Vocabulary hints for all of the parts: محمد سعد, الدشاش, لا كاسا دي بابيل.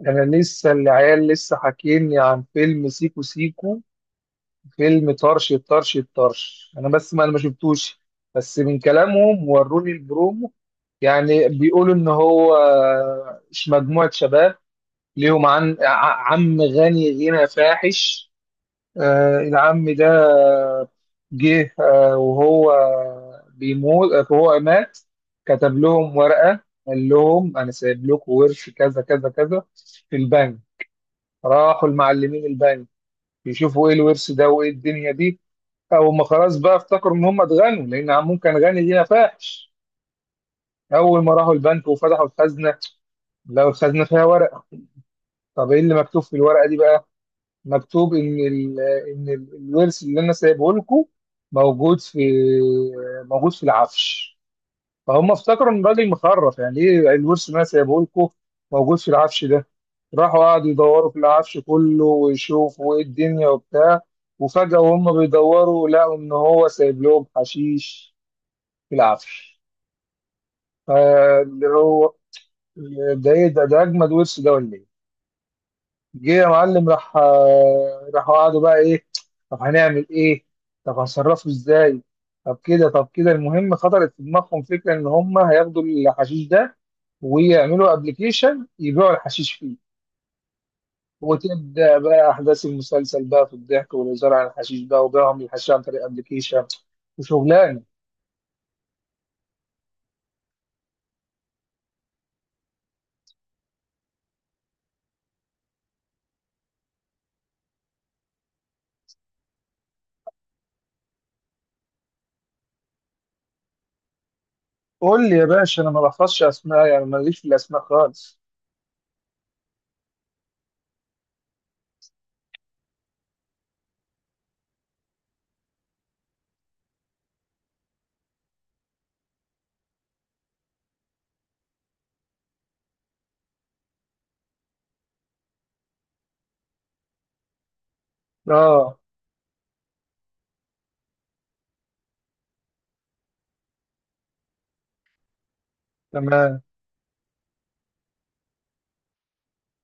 ده انا لسه العيال لسه حاكيني عن فيلم سيكو سيكو، فيلم طرش طرش طرش. انا بس ما شفتوش، بس من كلامهم وروني البرومو. يعني بيقولوا ان هو مجموعة شباب ليهم عم غني، غنى فاحش. آه، العم ده جه، وهو بيموت، وهو مات كتب لهم ورقة، قال لهم انا سايب لكم ورث كذا كذا كذا في البنك. راحوا المعلمين البني يشوفوا ايه الورث ده وايه الدنيا دي. او ما خلاص بقى، افتكروا ان هم اتغنوا لان عمهم كان غني لينا فاحش. اول ما راحوا البنك وفتحوا الخزنه، لو الخزنه فيها ورقه. طب ايه اللي مكتوب في الورقه دي بقى؟ مكتوب ان الورث اللي انا سايبه لكم موجود في، موجود في العفش. فهم افتكروا ان الراجل مخرف، يعني ايه الورث ما سايبه لكم موجود في العفش ده. راحوا قعدوا يدوروا في العفش كله ويشوفوا ايه الدنيا وبتاع. وفجأة وهم بيدوروا لقوا ان هو سايب لهم حشيش في العفش. فاللي هو، ده ايه ده؟ ده اجمد ورث ده ولا ايه؟ جه يا معلم راح، راحوا قعدوا بقى، ايه؟ طب هنعمل ايه؟ طب هنصرفه ازاي؟ طب كده المهم خطرت في دماغهم فكره ان هم هياخدوا الحشيش ده ويعملوا ابلكيشن يبيعوا الحشيش فيه. وتبدا بقى احداث المسلسل بقى في الضحك والهزار عن الحشيش بقى وبيعهم الحشيش عن طريق ابلكيشن وشغلانه. قول لي يا باشا، انا ما بحفظش اسماء، يعني ماليش في الاسماء خالص. اه. تمام.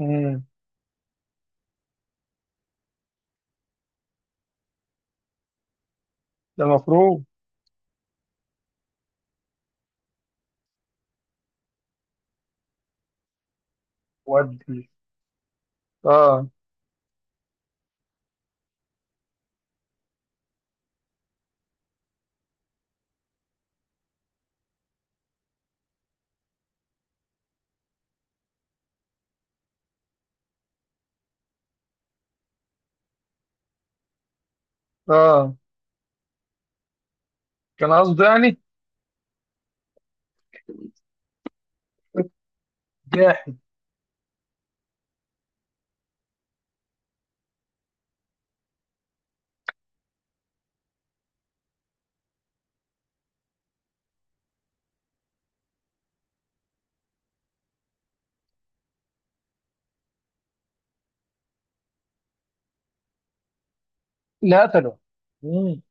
امم. ده مفروض. ودي. اه. اه. كان قصده يعني. جاح. لا قتله. مم.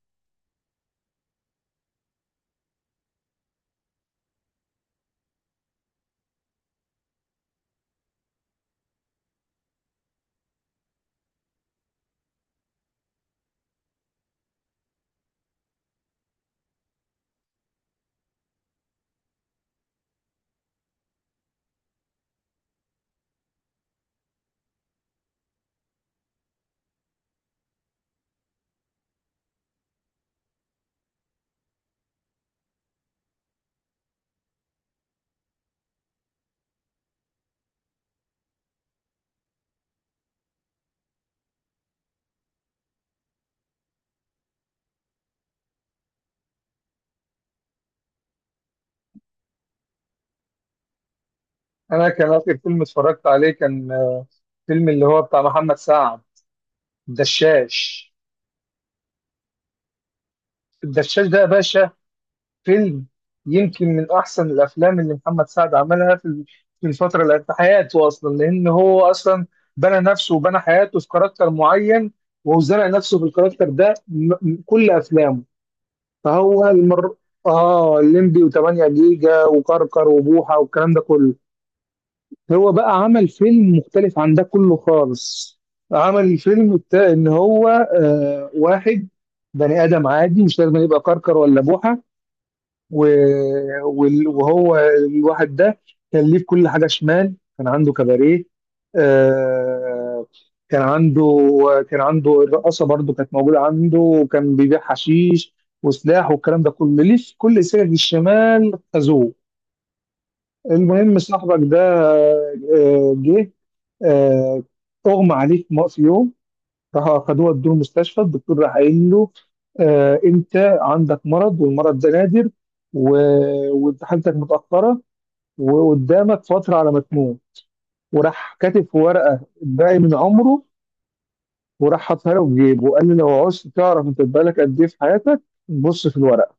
انا كان اخر فيلم اتفرجت عليه كان فيلم اللي هو بتاع محمد سعد، الدشاش. الدشاش ده يا باشا فيلم يمكن من احسن الافلام اللي محمد سعد عملها في في الفتره اللي في حياته، اصلا لان هو اصلا بنى نفسه وبنى حياته في كاركتر معين، وزرع نفسه في الكاركتر ده كل افلامه. فهو المر، اه الليمبي و8 جيجا وكركر وبوحه والكلام ده كله. هو بقى عمل فيلم مختلف عن ده كله خالص. عمل الفيلم بتاع ان هو آه واحد بني ادم عادي مش لازم يبقى كركر ولا بوحه. و- وهو الواحد ده كان ليه في كل حاجه شمال. كان عنده كباريه، آه، كان عنده، كان عنده الرقاصه برضو كانت موجوده عنده، وكان بيبيع حشيش وسلاح والكلام ده كله ليه في كل سكك الشمال خدوه. المهم صاحبك ده جه، آه، اغمى عليه في في يوم، راح اخدوه ادوه المستشفى. الدكتور راح قايل له، انت عندك مرض والمرض ده نادر، وانت حالتك متاخره، وقدامك فتره على ما تموت. وراح كاتب في ورقه باقي من عمره، وراح حاطها له في جيبه وقال له لو عوزت تعرف انت بقالك قد ايه في حياتك بص في الورقه.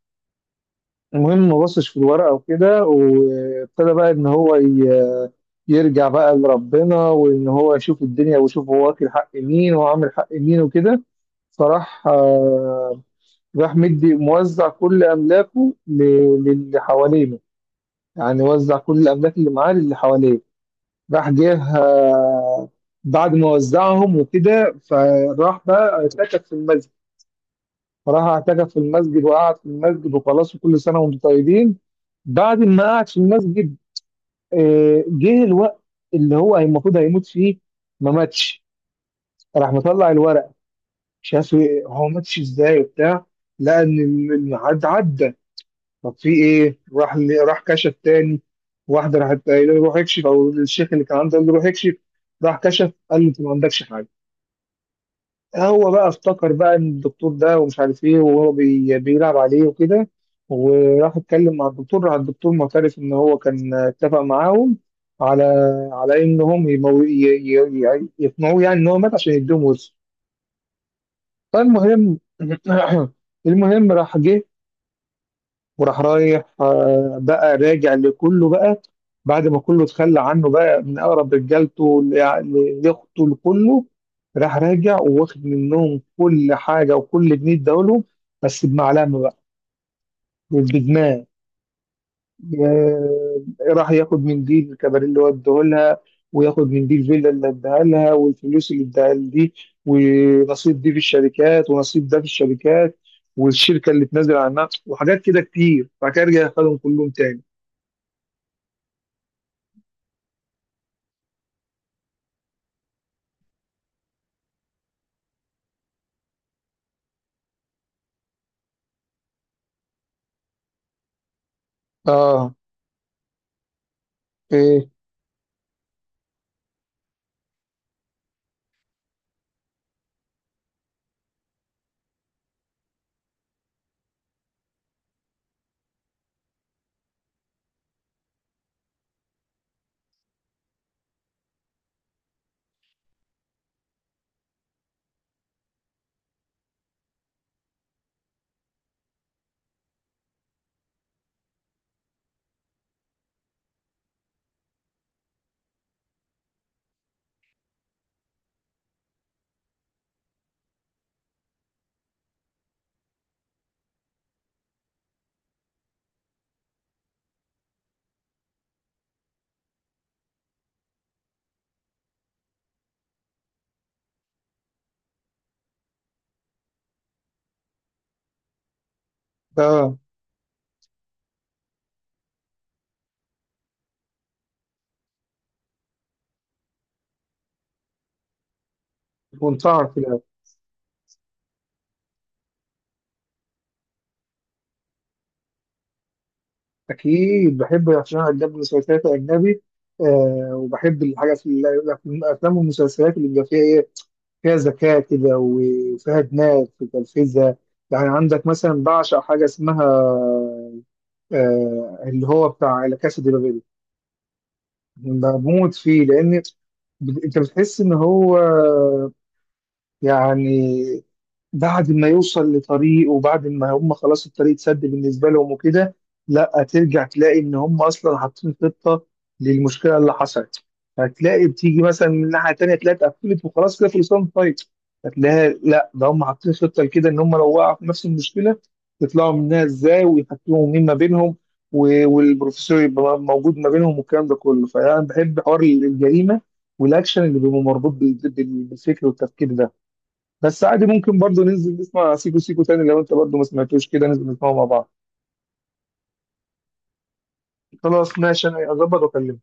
المهم ما بصش في الورقة وكده، وابتدى بقى إن هو يرجع بقى لربنا، وإن هو يشوف الدنيا ويشوف هو واكل حق مين وعامل حق مين وكده. فراح، راح مدي موزع كل أملاكه للي حوالينه، يعني وزع كل الأملاك اللي معاه للي حواليه. راح جه، بعد ما وزعهم وكده فراح بقى اتكت في المسجد، فراح اعتكف في المسجد وقعد في المسجد وخلاص، وكل سنه وانتم طيبين. بعد ما قعد في المسجد، جه الوقت اللي هو المفروض هيموت فيه، ما ماتش. راح مطلع الورق، شاف إيه، هو ماتش ازاي وبتاع. لقى ان الميعاد عدى، طب في ايه؟ راح راح كشف تاني. واحده راحت قايله له روح اكشف، او الشيخ اللي كان عنده قال له روح اكشف، راح كشف قال له انت ما عندكش حاجه. هو بقى افتكر بقى ان الدكتور ده ومش عارف ايه وهو بيلعب عليه وكده، وراح اتكلم مع الدكتور، راح الدكتور معترف ان هو كان اتفق معاهم على، على انهم يمو... ي... ي... ي- يقنعوه يعني ان هو مات عشان يديهم ورثه. فالمهم المهم راح جه، وراح رايح، بقى راجع لكله بقى. بعد ما كله اتخلى عنه بقى من اقرب رجالته، لاخته، لكله، راح راجع وواخد منهم كل حاجه وكل جنيه اداهولهم، بس بمعلمه بقى وبدماغ. آه، راح ياخد من دي الكباريه اللي هو اداهولها، وياخد من دي الفيلا اللي اداها لها، والفلوس اللي اداها دي، ونصيب دي في الشركات، ونصيب ده في الشركات، والشركه اللي تنزل عنها وحاجات كده كتير. بعد كده رجع خدهم كلهم تاني. اه. ايه ده! منتهى الخلاف. اكيد بحب، عشان انا اجنبي، مسلسلات اجنبي، آه، وبحب الحاجات الافلام والمسلسلات اللي بيبقى فيها ايه، فيها ذكاء كده وفيها دماغ في تنفيذها. يعني عندك مثلا بعشق حاجه اسمها آه اللي هو بتاع لا كاسا دي بابيل. بموت فيه لان، انت بتحس ان هو يعني بعد ما يوصل لطريق وبعد ما هم خلاص الطريق اتسد بالنسبه لهم وكده، لا ترجع تلاقي ان هم اصلا حاطين خطه للمشكله اللي حصلت. هتلاقي بتيجي مثلا من الناحيه التانيه تلاقي اتقفلت وخلاص كده خلصان الفايت، هتلاقي لا ده هم حاطين خطه لكده ان هم لو وقعوا في نفس المشكله يطلعوا منها ازاي ويحكموا مين ما بينهم، والبروفيسور يبقى موجود ما بينهم والكلام ده كله. فانا بحب حوار الجريمه والاكشن اللي بيبقى مربوط بالفكر والتفكير ده. بس عادي ممكن برضو ننزل نسمع سيكو سيكو تاني، لو انت برضو ما سمعتوش كده ننزل نسمعه مع بعض. خلاص ماشي، انا اظبط واكلمك.